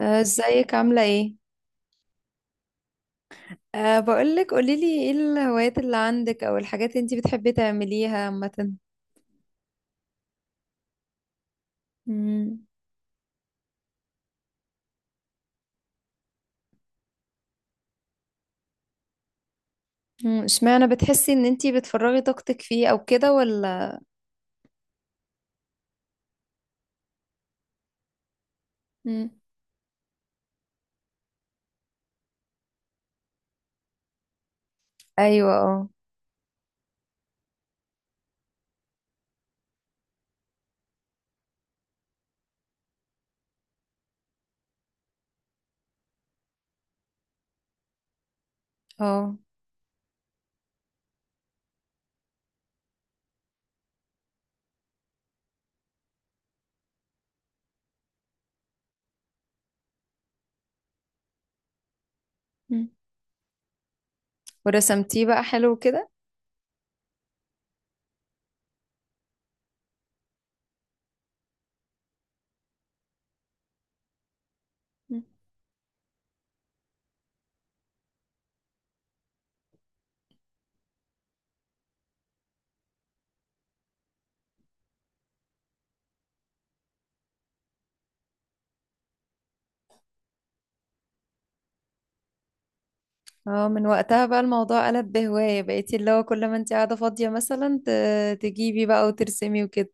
ازيك عاملة ايه؟ بقولك قوليلي ايه الهوايات اللي عندك او الحاجات اللي انتي بتحبي تعمليها عامة. مم. اشمعنى بتحسي ان انتي بتفرغي طاقتك فيه او كده ولا؟ مم. ايوه، اه. اه. مم. ورسمتيه بقى حلو كده؟ مم. اه، من وقتها بقى الموضوع قلب بهواية بقيتي اللي هو كل ما انتي قاعدة فاضية مثلا تجيبي بقى وترسمي وكده؟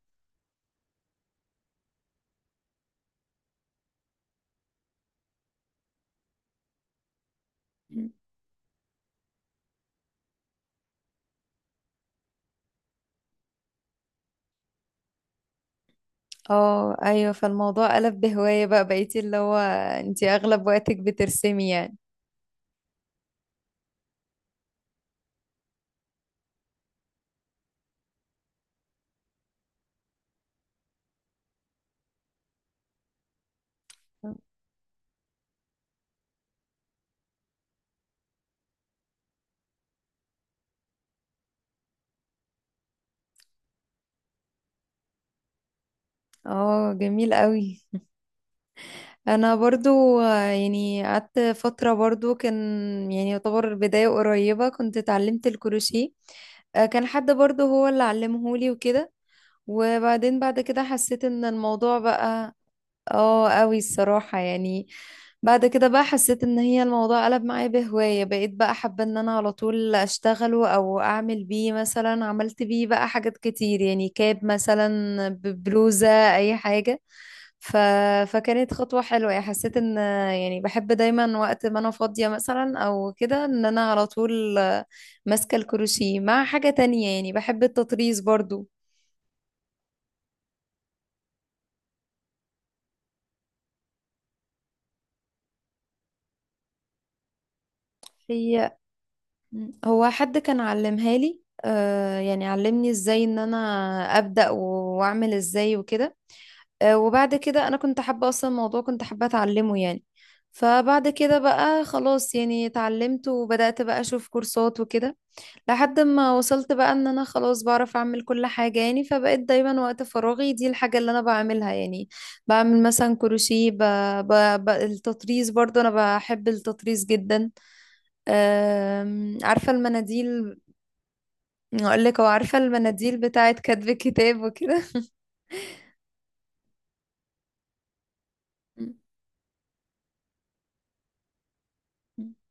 مم. اه، ايوه، فالموضوع قلب بهواية بقى بقيتي اللي هو انتي اغلب وقتك بترسمي يعني. اه، جميل قوي. انا برضو يعني قعدت فترة برضو كان يعني يعتبر بداية قريبة كنت اتعلمت الكروشيه. كان حد برضو هو اللي علمهولي وكده. وبعدين بعد كده حسيت ان الموضوع بقى. اه، قوي الصراحة يعني. بعد كده بقى حسيت ان هي الموضوع قلب معايا بهواية بقيت بقى حابة ان انا على طول اشتغله او اعمل بيه، مثلا عملت بيه بقى حاجات كتير يعني كاب مثلا ببلوزة، اي حاجة. ف... فكانت خطوة حلوة يعني، حسيت ان يعني بحب دايما وقت ما انا فاضية مثلا او كده ان انا على طول ماسكة الكروشيه مع حاجة تانية، يعني بحب التطريز برضو. هي هو حد كان علمها لي. آه يعني علمني ازاي ان انا ابدأ واعمل ازاي وكده. آه، وبعد كده انا كنت حابة اصلا الموضوع، كنت حابة اتعلمه يعني. فبعد كده بقى خلاص يعني اتعلمت وبدأت بقى اشوف كورسات وكده، لحد ما وصلت بقى ان انا خلاص بعرف اعمل كل حاجة يعني. فبقيت دايما وقت فراغي دي الحاجة اللي انا بعملها يعني. بعمل مثلا كروشيه، ب... التطريز برضو انا بحب التطريز جدا. عارفة المناديل؟ اقول لك، هو عارفة المناديل بتاعت كتب الكتاب وكده؟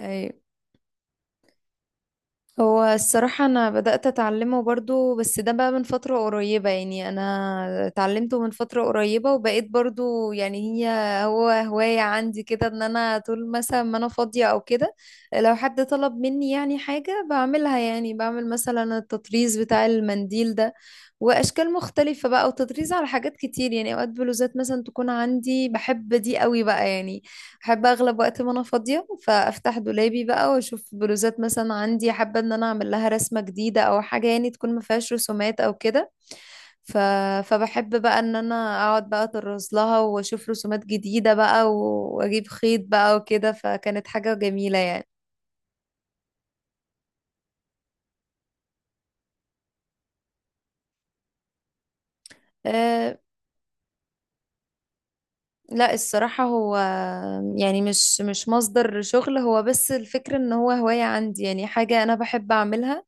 ايوه. هو الصراحة أنا بدأت أتعلمه برضو، بس ده بقى من فترة قريبة يعني، أنا اتعلمته من فترة قريبة وبقيت برضو يعني هو هواية عندي كده إن أنا طول مثلا ما أنا فاضية أو كده لو حد طلب مني يعني حاجة بعملها. يعني بعمل مثلا التطريز بتاع المنديل ده وأشكال مختلفة بقى، وتطريز على حاجات كتير يعني، أوقات بلوزات مثلا تكون عندي بحب دي قوي بقى يعني. احب اغلب وقت ما انا فاضيه فافتح دولابي بقى واشوف بلوزات مثلا عندي حابه ان انا اعمل لها رسمه جديده او حاجه يعني تكون ما فيهاش رسومات او كده. ف... فبحب بقى ان انا اقعد بقى اطرز لها واشوف رسومات جديده بقى واجيب خيط بقى وكده، فكانت حاجه جميله يعني. أه... لا الصراحه، هو يعني مش مصدر شغل، هو بس الفكره ان هو هوايه عندي، يعني حاجه انا بحب اعملها.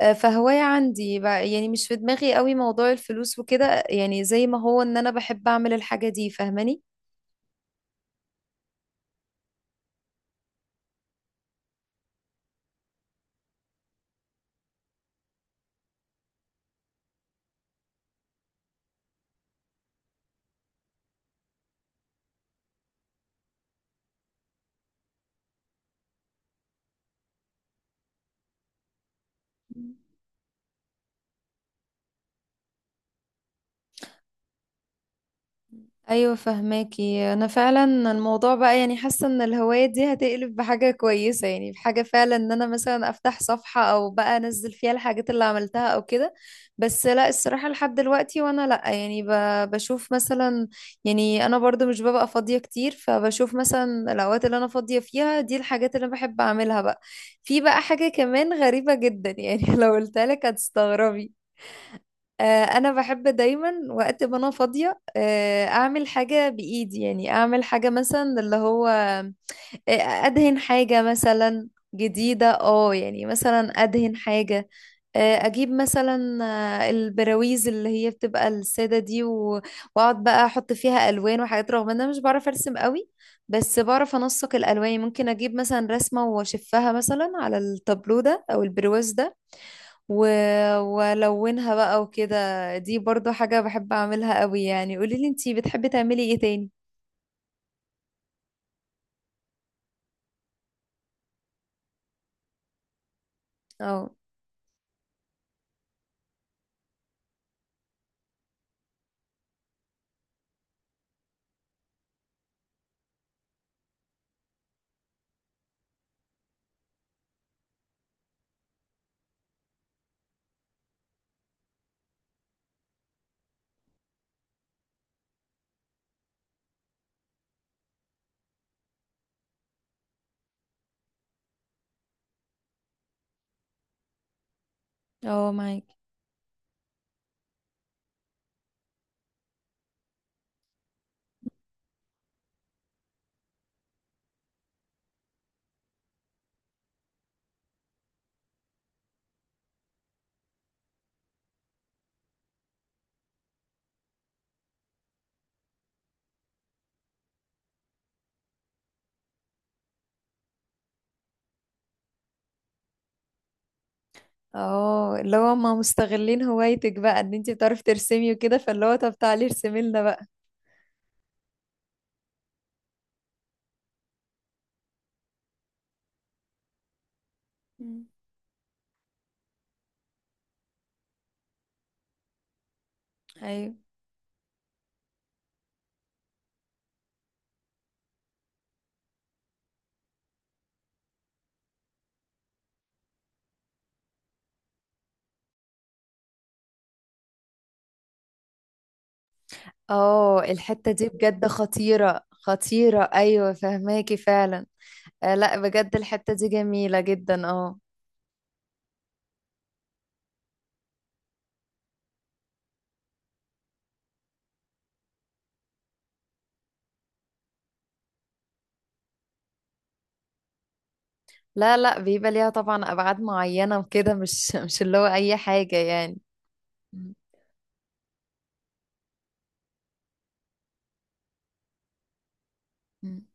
فهواية عندي بقى، يعني مش في دماغي قوي موضوع الفلوس وكده، يعني زي ما هو ان انا بحب اعمل الحاجة دي، فاهماني؟ ايوه فهماكي انا فعلا. الموضوع بقى يعني حاسه ان الهوايه دي هتقلب بحاجه كويسه، يعني بحاجه فعلا ان انا مثلا افتح صفحه او بقى انزل فيها الحاجات اللي عملتها او كده. بس لا الصراحه لحد دلوقتي وانا لا يعني بشوف مثلا، يعني انا برضو مش ببقى فاضيه كتير، فبشوف مثلا الاوقات اللي انا فاضيه فيها دي الحاجات اللي انا بحب اعملها بقى. في بقى حاجه كمان غريبه جدا يعني لو قلتها لك هتستغربي. انا بحب دايما وقت ما انا فاضيه اعمل حاجه بايدي، يعني اعمل حاجه مثلا اللي هو ادهن حاجه مثلا جديده. اه، يعني مثلا ادهن حاجه. اجيب مثلا البراويز اللي هي بتبقى الساده دي واقعد بقى احط فيها الوان وحاجات، رغم ان انا مش بعرف ارسم قوي. بس بعرف انسق الالوان، ممكن اجيب مثلا رسمه واشفها مثلا على التابلو ده او البرواز ده و... والونها بقى وكده. دي برضو حاجة بحب اعملها قوي يعني. قولي لي انتي بتحبي تعملي ايه تاني؟ اه. اه معاك. اه، اللي هو ما مستغلين هوايتك بقى ان انتي بتعرفي ترسمي وكده، فاللي هو طب تعالي ارسمي لنا بقى. مم. ايوه، اه الحتة دي بجد خطيرة خطيرة، ايوه فهماكي فعلا. آه لا، بجد الحتة دي جميلة جدا. اه. لا، لا بيبقى ليها طبعا ابعاد معينة وكده، مش اللي هو اي حاجة يعني. مم.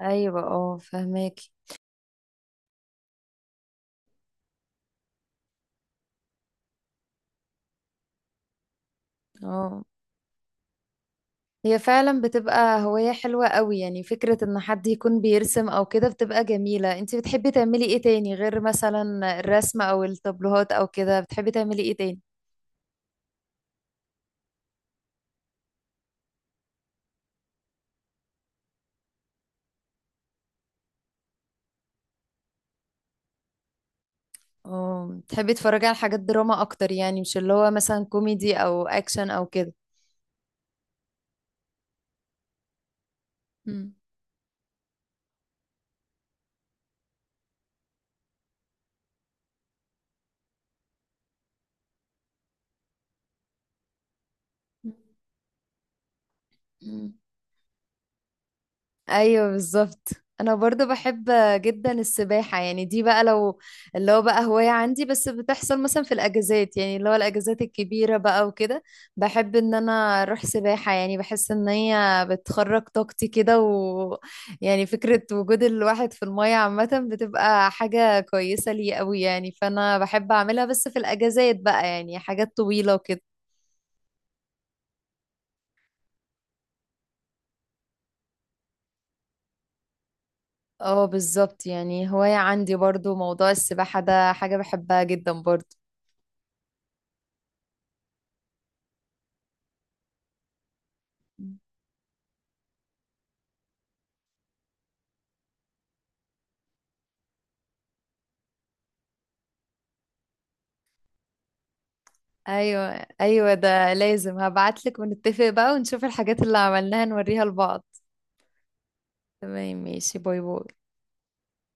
ايوه اه، فهماكي اه. هي فعلا بتبقى هواية حلوة قوي يعني، فكرة ان حد يكون بيرسم او كده بتبقى جميلة. انتي بتحبي تعملي ايه تاني غير مثلا الرسم او التابلوهات او كده؟ بتحبي تعملي ايه تاني؟ اه بتحبي تتفرجي على حاجات دراما اكتر يعني، مش اللي هو مثلا كوميدي او اكشن او كده؟ مم. مم. ايوه بالظبط. انا برضو بحب جدا السباحه، يعني دي بقى لو اللي هو بقى هوايه عندي، بس بتحصل مثلا في الاجازات، يعني اللي هو الاجازات الكبيره بقى وكده. بحب ان انا اروح سباحه، يعني بحس ان هي بتخرج طاقتي كده، و يعني فكره وجود الواحد في الميه عامه بتبقى حاجه كويسه لي قوي يعني. فانا بحب اعملها بس في الاجازات بقى، يعني حاجات طويله وكده. اه بالظبط، يعني هوايه عندي برضو موضوع السباحه ده، حاجه بحبها جدا برضو. ايوه. ايوه ده لازم، هبعتلك ونتفق بقى ونشوف الحاجات اللي عملناها نوريها لبعض. تمام ماشي، باي باي.